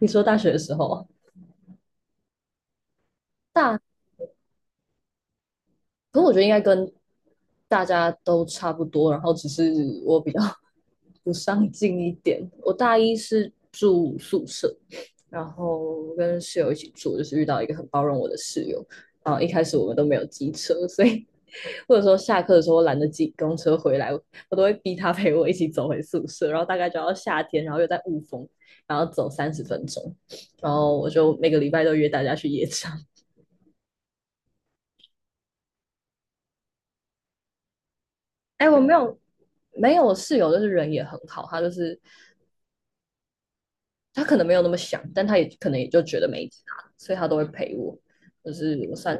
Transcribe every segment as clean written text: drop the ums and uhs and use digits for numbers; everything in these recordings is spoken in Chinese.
你说大学的时候，大，可是我觉得应该跟大家都差不多，然后只是我比较 不上进一点。我大一是住宿舍，然后跟室友一起住，就是遇到一个很包容我的室友。然后一开始我们都没有机车，所以或者说下课的时候我懒得挤公车回来，我都会逼他陪我一起走回宿舍。然后大概就要夏天，然后又在雾峰，然后走30分钟。然后我就每个礼拜都约大家去夜场。哎，我没有没有，我室友就是人也很好，他就是他可能没有那么想，但他也可能也就觉得没差，所以他都会陪我。就是我算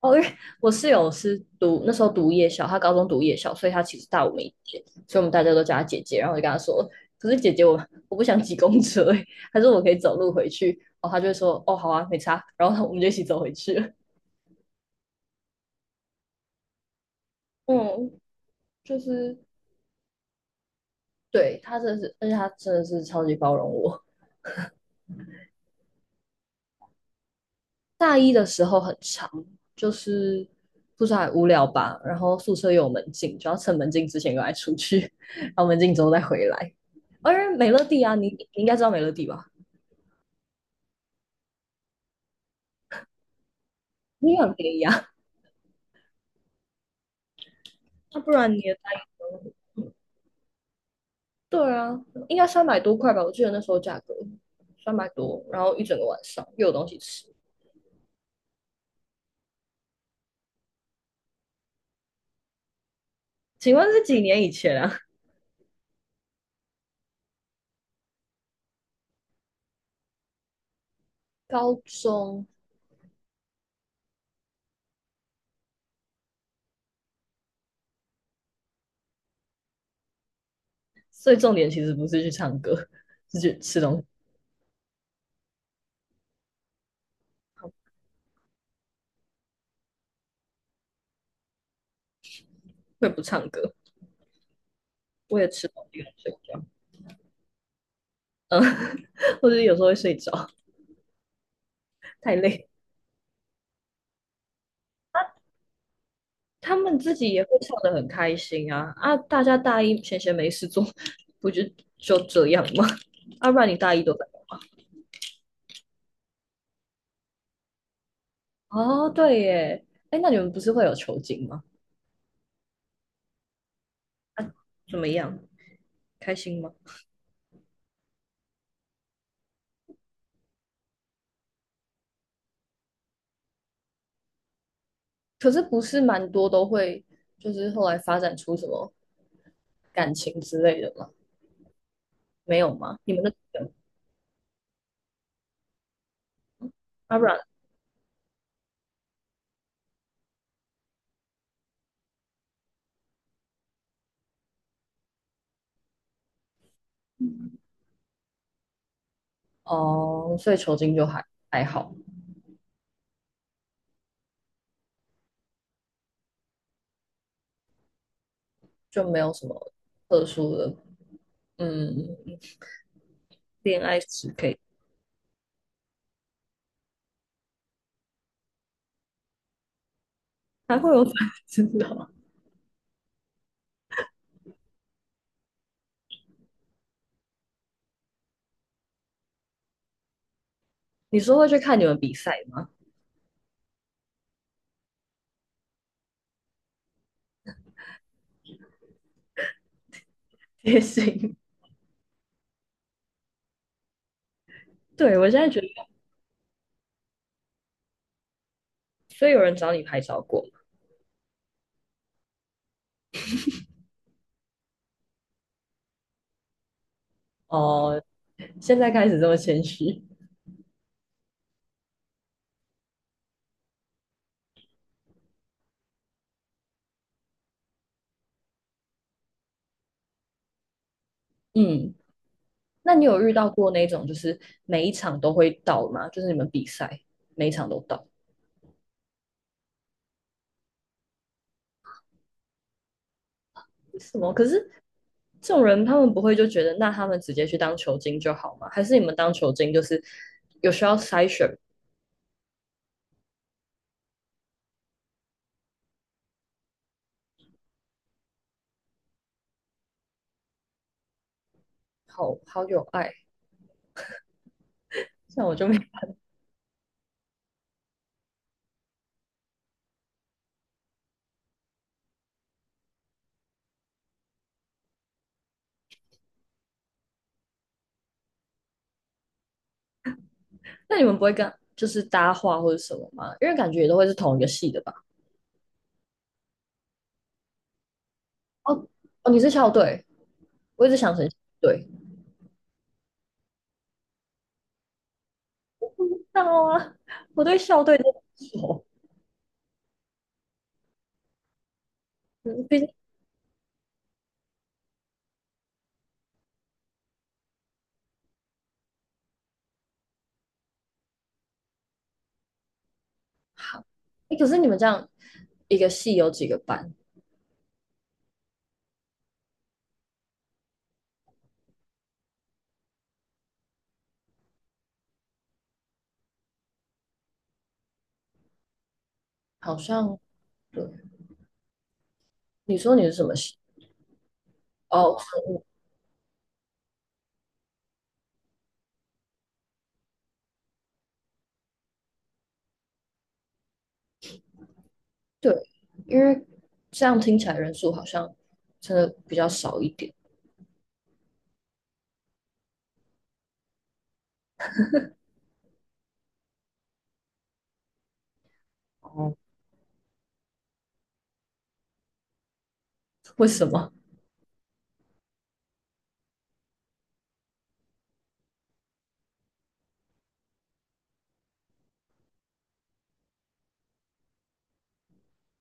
哦，因为我室友是读那时候读夜校，他高中读夜校，所以他其实大我们一届，所以我们大家都叫他姐姐。然后我就跟他说，可是姐姐我不想挤公车、他说我可以走路回去。哦，他就会说哦好啊，没差。然后我们就一起走回去了。嗯，就是对他真的是，而且他真的是超级包容我。大一的时候很长，就是不知道无聊吧，然后宿舍又有门禁，就要趁门禁之前赶快出去，然后门禁之后再回来。而美乐蒂啊，你应该知道美乐蒂吧？你也很便宜啊，那不然你也大一个。对啊，应该300多块吧？我记得那时候价格三百多，然后一整个晚上又有东西吃。请问是几年以前啊？高中，所以重点其实不是去唱歌，是去吃东西。会不唱歌，我也吃东西跟睡觉。嗯，或者有时候会睡着，太累。他们自己也会唱得很开心啊啊！大家大一闲闲没事做，不就这样吗？啊，不然你大一都在哦，对耶，哎，那你们不是会有酬金吗？怎么样？开心吗？可是不是蛮多都会，就是后来发展出什么感情之类的吗？没有吗？你们的，啊，不然哦，所以酬金就还还好，就没有什么特殊的，嗯，恋爱史可以。还会有粉丝哦。你说会去看你们比赛吗？也行。对，我现在觉得，所以有人找你拍照过吗？哦，现在开始这么谦虚。嗯，那你有遇到过那种就是每一场都会到吗？就是你们比赛每一场都到？为什么？可是这种人他们不会就觉得，那他们直接去当球精就好吗？还是你们当球精就是有需要筛选？好好有爱，像我就没。那你们不会跟就是搭话或者什么吗？因为感觉也都会是同一个系的吧？哦哦，你是校队，我一直想成校队 知道啊，我对校队都不熟，嗯毕竟好，哎，可是你们这样一个系有几个班？好像对，你说你是什么系？哦，生物对，因为这样听起来人数好像真的比较少一点。哦，为什么？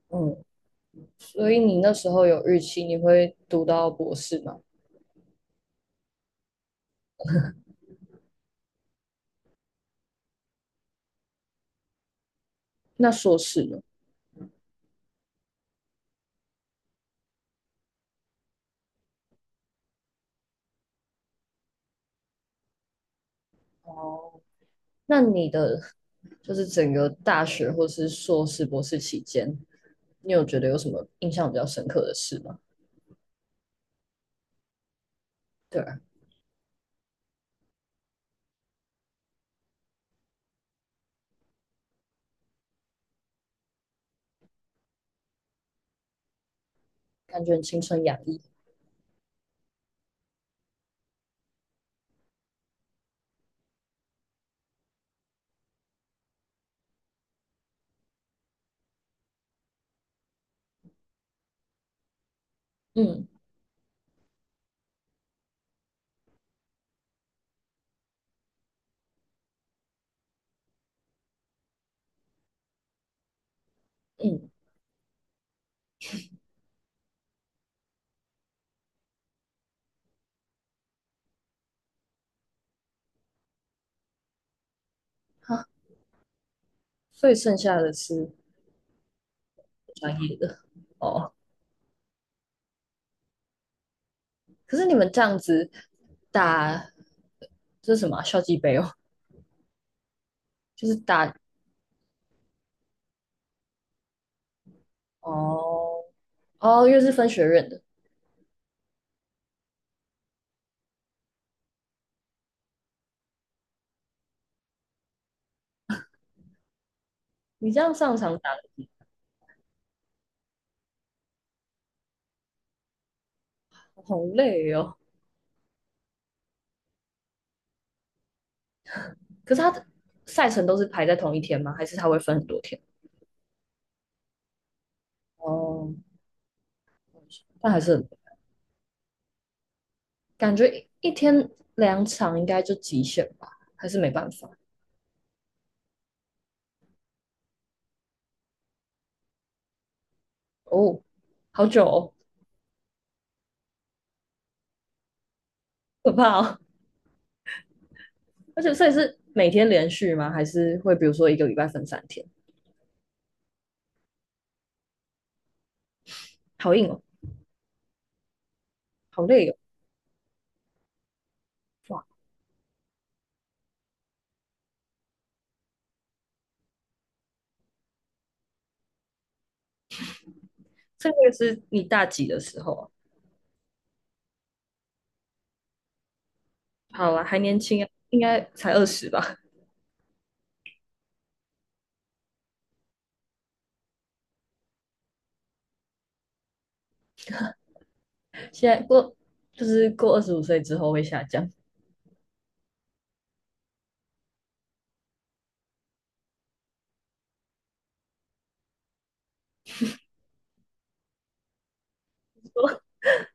嗯，所以你那时候有预期你会读到博士吗？那硕士呢？哦，那你的就是整个大学或是硕士、博士期间，你有觉得有什么印象比较深刻的事吗？对啊，感觉很青春洋溢。嗯嗯，好，所以剩下的是专业的哦。可是你们这样子打这是什么啊校际杯哦，就是打哦哦，因为是分学院的，你这样上场打得几好累哦。可是他的赛程都是排在同一天吗？还是他会分很多天？哦，但还是很感觉一天两场应该就极限吧，还是没办法哦，好久哦，可怕哦！而且所以是每天连续吗？还是会比如说一个礼拜分三天？好硬哦，好累哦，哇！这个是你大几的时候啊？好啦，还年轻啊，应该才二十吧。现在过就是过25岁之后会下降，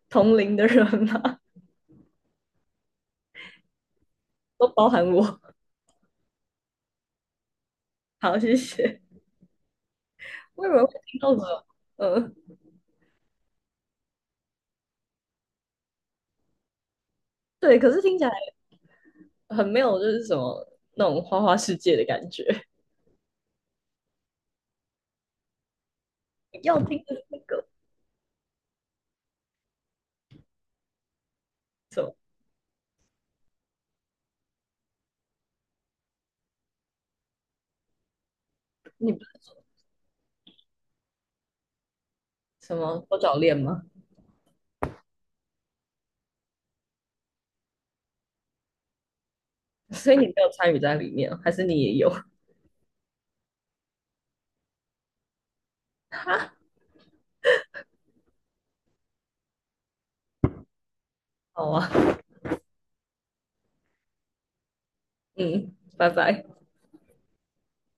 同龄的人嘛，都包含我。好，谢谢。我以为会听到什么，嗯，对，可是听起来很没有就是什么那种花花世界的感觉。要听的那个，你什么多角恋吗？所以你没有参与在里面，还是你也有？好啊，嗯，拜拜。